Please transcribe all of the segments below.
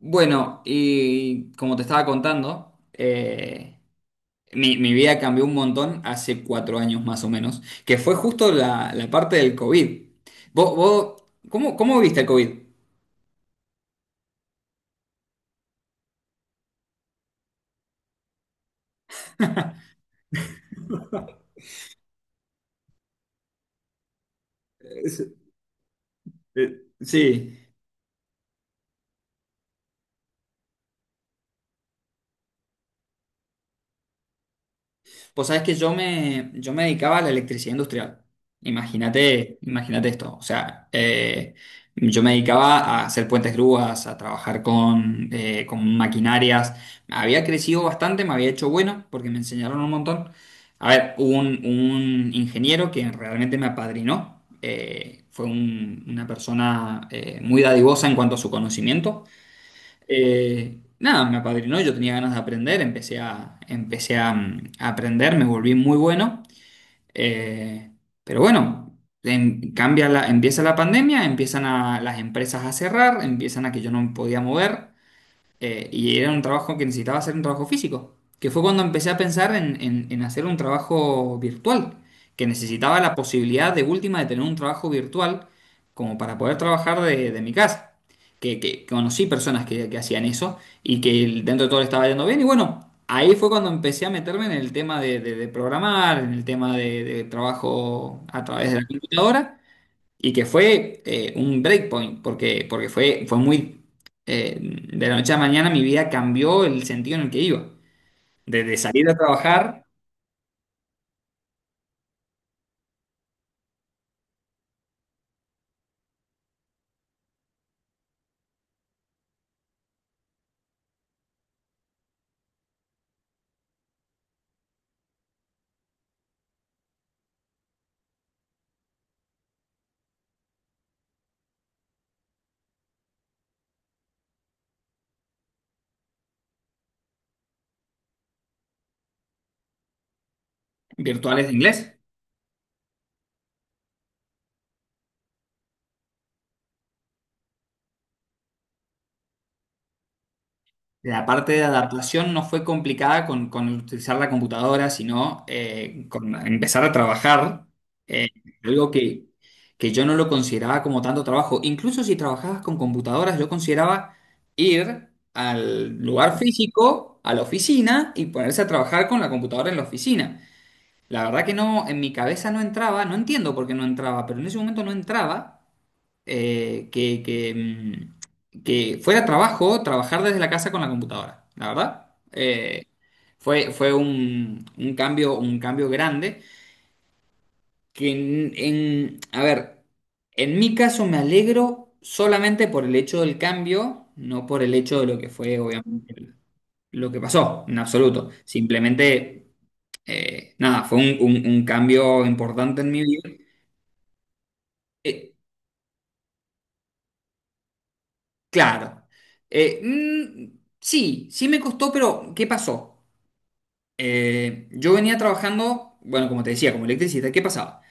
Bueno, y como te estaba contando, mi vida cambió un montón hace cuatro años más o menos, que fue justo la parte del COVID. ¿Vos, vos- cómo viviste el COVID? Es- Sí. Pues sabes que yo me dedicaba a la electricidad industrial. Imagínate esto. O sea, yo me dedicaba a hacer puentes grúas, a trabajar con maquinarias. Había crecido bastante, me había hecho bueno porque me enseñaron un montón. A ver, hubo un ingeniero que realmente me apadrinó. Fue una persona muy dadivosa en cuanto a su conocimiento. Nada, me apadrinó, yo tenía ganas de aprender, empecé a aprender, me volví muy bueno. Eh, pero bueno, cambia la, empieza la pandemia, empiezan a, las empresas a cerrar, empiezan a que yo no me podía mover. Y era un trabajo que necesitaba hacer un trabajo físico, que fue cuando empecé a pensar en hacer un trabajo virtual, que necesitaba la posibilidad de última de tener un trabajo virtual como para poder trabajar de mi casa. Que conocí personas que hacían eso y que dentro de todo le estaba yendo bien. Y bueno, ahí fue cuando empecé a meterme en el tema de programar, en el tema de trabajo a través de la computadora y que fue un breakpoint, porque fue, fue muy... de la noche a la mañana mi vida cambió el sentido en el que iba. Desde salir a trabajar virtuales de inglés. La parte de adaptación no fue complicada con utilizar la computadora, sino con empezar a trabajar, eh, algo que yo no lo consideraba como tanto trabajo. Incluso si trabajabas con computadoras, yo consideraba ir al lugar físico, a la oficina, y ponerse a trabajar con la computadora en la oficina. La verdad que no, en mi cabeza no entraba, no entiendo por qué no entraba, pero en ese momento no entraba que fuera trabajo trabajar desde la casa con la computadora, la verdad. Fue un cambio grande que a ver, en mi caso me alegro solamente por el hecho del cambio, no por el hecho de lo que fue, obviamente, lo que pasó, en absoluto. Simplemente, nada, fue un cambio importante en mi vida. Eh, Claro. Sí, sí me costó, pero ¿qué pasó? Yo venía trabajando, bueno, como te decía, como electricista, ¿qué pasaba?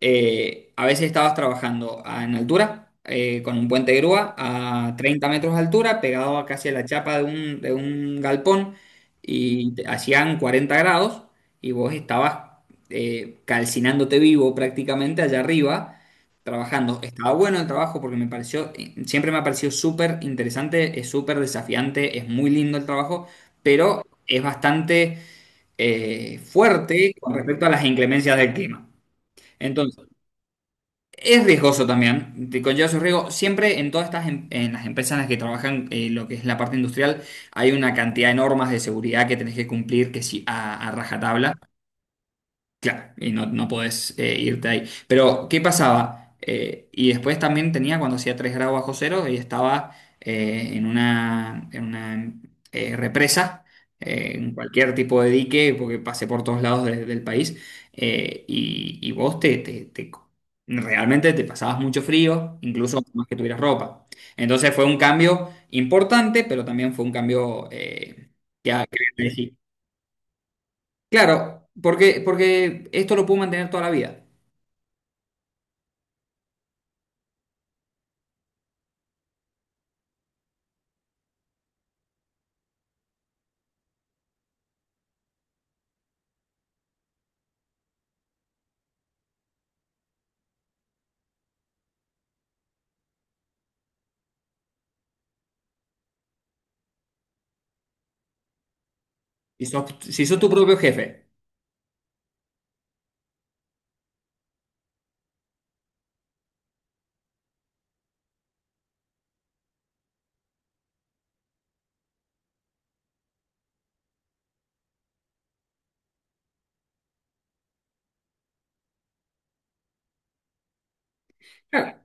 A veces estabas trabajando en altura, con un puente de grúa a 30 metros de altura, pegado a casi a la chapa de un galpón, y hacían 40 grados, y vos estabas calcinándote vivo prácticamente allá arriba, trabajando. Estaba bueno el trabajo porque me pareció, siempre me ha parecido súper interesante, es súper desafiante, es muy lindo el trabajo, pero es bastante fuerte con respecto a las inclemencias del clima. Entonces, es riesgoso también, te conlleva su riesgo. Siempre en todas estas las empresas en las que trabajan lo que es la parte industrial, hay una cantidad de normas de seguridad que tenés que cumplir que sí, a rajatabla. Claro, y no, no podés irte ahí. Pero, ¿qué pasaba? Y después también tenía cuando hacía 3 grados bajo cero y estaba en una represa, en cualquier tipo de dique, porque pasé por todos lados del país, y vos te, te- te- realmente te pasabas mucho frío, incluso más que tuvieras ropa. Entonces fue un cambio importante, pero también fue un cambio que, Claro, porque esto lo puedo mantener toda la vida. Si sos, si sos tu propio jefe. Claro.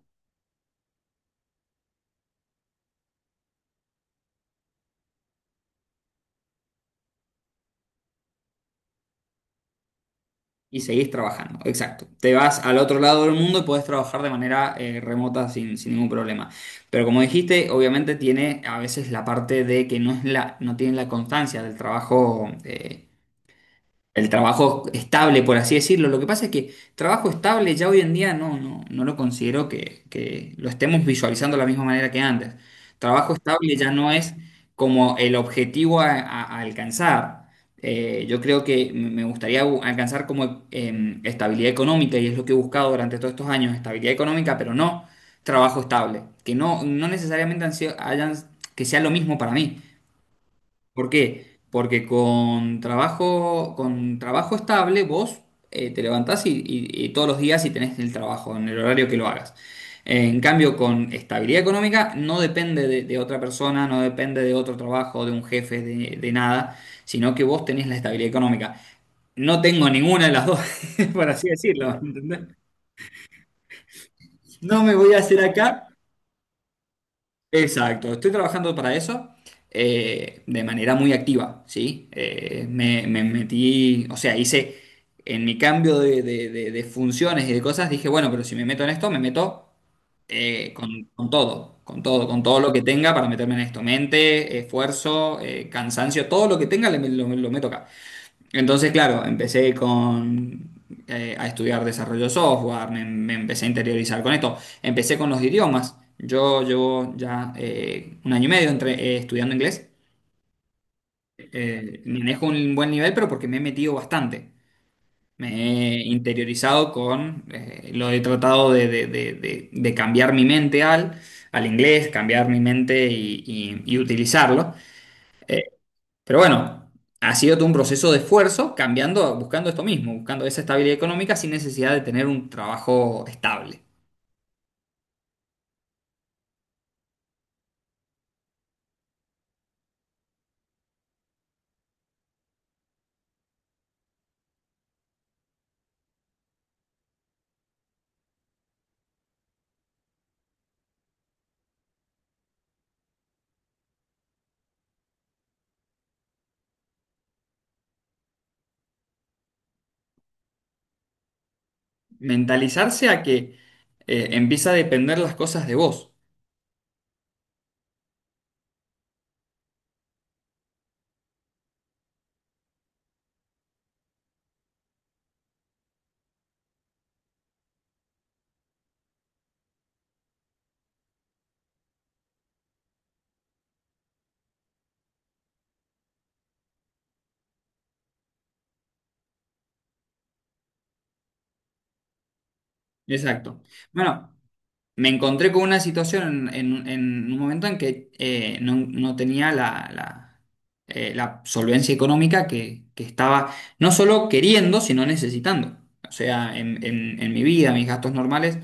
Y seguís trabajando, exacto. Te vas al otro lado del mundo y podés trabajar de manera remota sin, sin ningún problema. Pero como dijiste, obviamente tiene a veces la parte de que no es la, no tiene la constancia del trabajo el trabajo estable, por así decirlo. Lo que pasa es que trabajo estable ya hoy en día no, no, no lo considero que lo estemos visualizando de la misma manera que antes. Trabajo estable ya no es como el objetivo a alcanzar. Yo creo que me gustaría alcanzar como estabilidad económica y es lo que he buscado durante todos estos años, estabilidad económica, pero no trabajo estable, que no, no necesariamente han sido- hayan, que sea lo mismo para mí. ¿Por qué? Porque con trabajo estable vos te levantás y todos los días y tenés el trabajo en el horario que lo hagas. En cambio, con estabilidad económica no depende de otra persona, no depende de otro trabajo, de un jefe, de nada, sino que vos tenés la estabilidad económica. No tengo ninguna de las dos, por así decirlo, ¿entendés? No me voy a hacer acá. Exacto, estoy trabajando para eso de manera muy activa, ¿sí? Me metí, o sea, hice en mi cambio de funciones y de cosas, dije, bueno, pero si me meto en esto, me meto con todo, con todo, con todo lo que tenga para meterme en esto, mente, esfuerzo, cansancio, todo lo que tenga, lo meto acá. Entonces, claro, empecé a estudiar desarrollo de software, me empecé a interiorizar con esto, empecé con los idiomas. Yo llevo ya un año y medio entre, estudiando inglés. Manejo un buen nivel, pero porque me he metido bastante. Me he interiorizado con, lo he tratado de cambiar mi mente al, al inglés, cambiar mi mente y utilizarlo. Eh, pero bueno, ha sido todo un proceso de esfuerzo cambiando, buscando esto mismo, buscando esa estabilidad económica sin necesidad de tener un trabajo estable. Mentalizarse a que empieza a depender las cosas de vos. Exacto. Bueno, me encontré con una situación en un momento en que no, no tenía la la solvencia económica que estaba no solo queriendo, sino necesitando. O sea, en mi vida, mis gastos normales.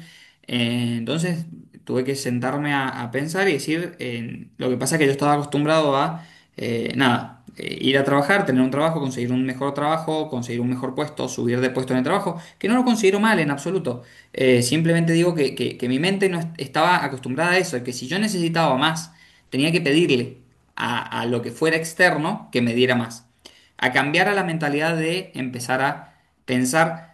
Entonces tuve que sentarme a pensar y decir, lo que pasa es que yo estaba acostumbrado a, nada, ir a trabajar, tener un trabajo, conseguir un mejor trabajo, conseguir un mejor puesto, subir de puesto en el trabajo, que no lo considero mal en absoluto. Simplemente digo que, que mi mente no est- estaba acostumbrada a eso, que si yo necesitaba más, tenía que pedirle a lo que fuera externo que me diera más. A cambiar a la mentalidad de empezar a pensar.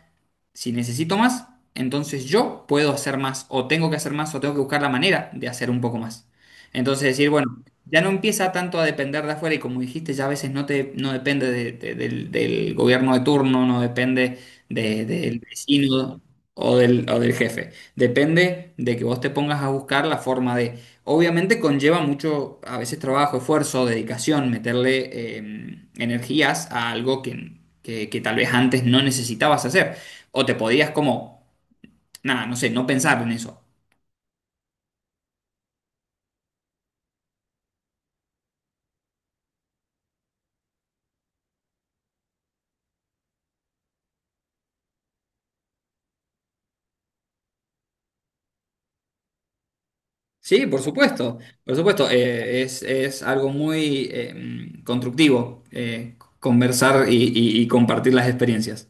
Si necesito más, entonces yo puedo hacer más, o tengo que hacer más, o tengo que buscar la manera de hacer un poco más. Entonces decir, bueno, ya no empieza tanto a depender de afuera, y como dijiste, ya a veces no te, no depende del gobierno de turno, no depende del vecino o del jefe. Depende de que vos te pongas a buscar la forma de... Obviamente conlleva mucho, a veces trabajo, esfuerzo, dedicación, meterle energías a algo que, que tal vez antes no necesitabas hacer. O te podías como, nada, no sé, no pensar en eso. Sí, por supuesto, por supuesto. Es algo muy constructivo conversar y y compartir las experiencias.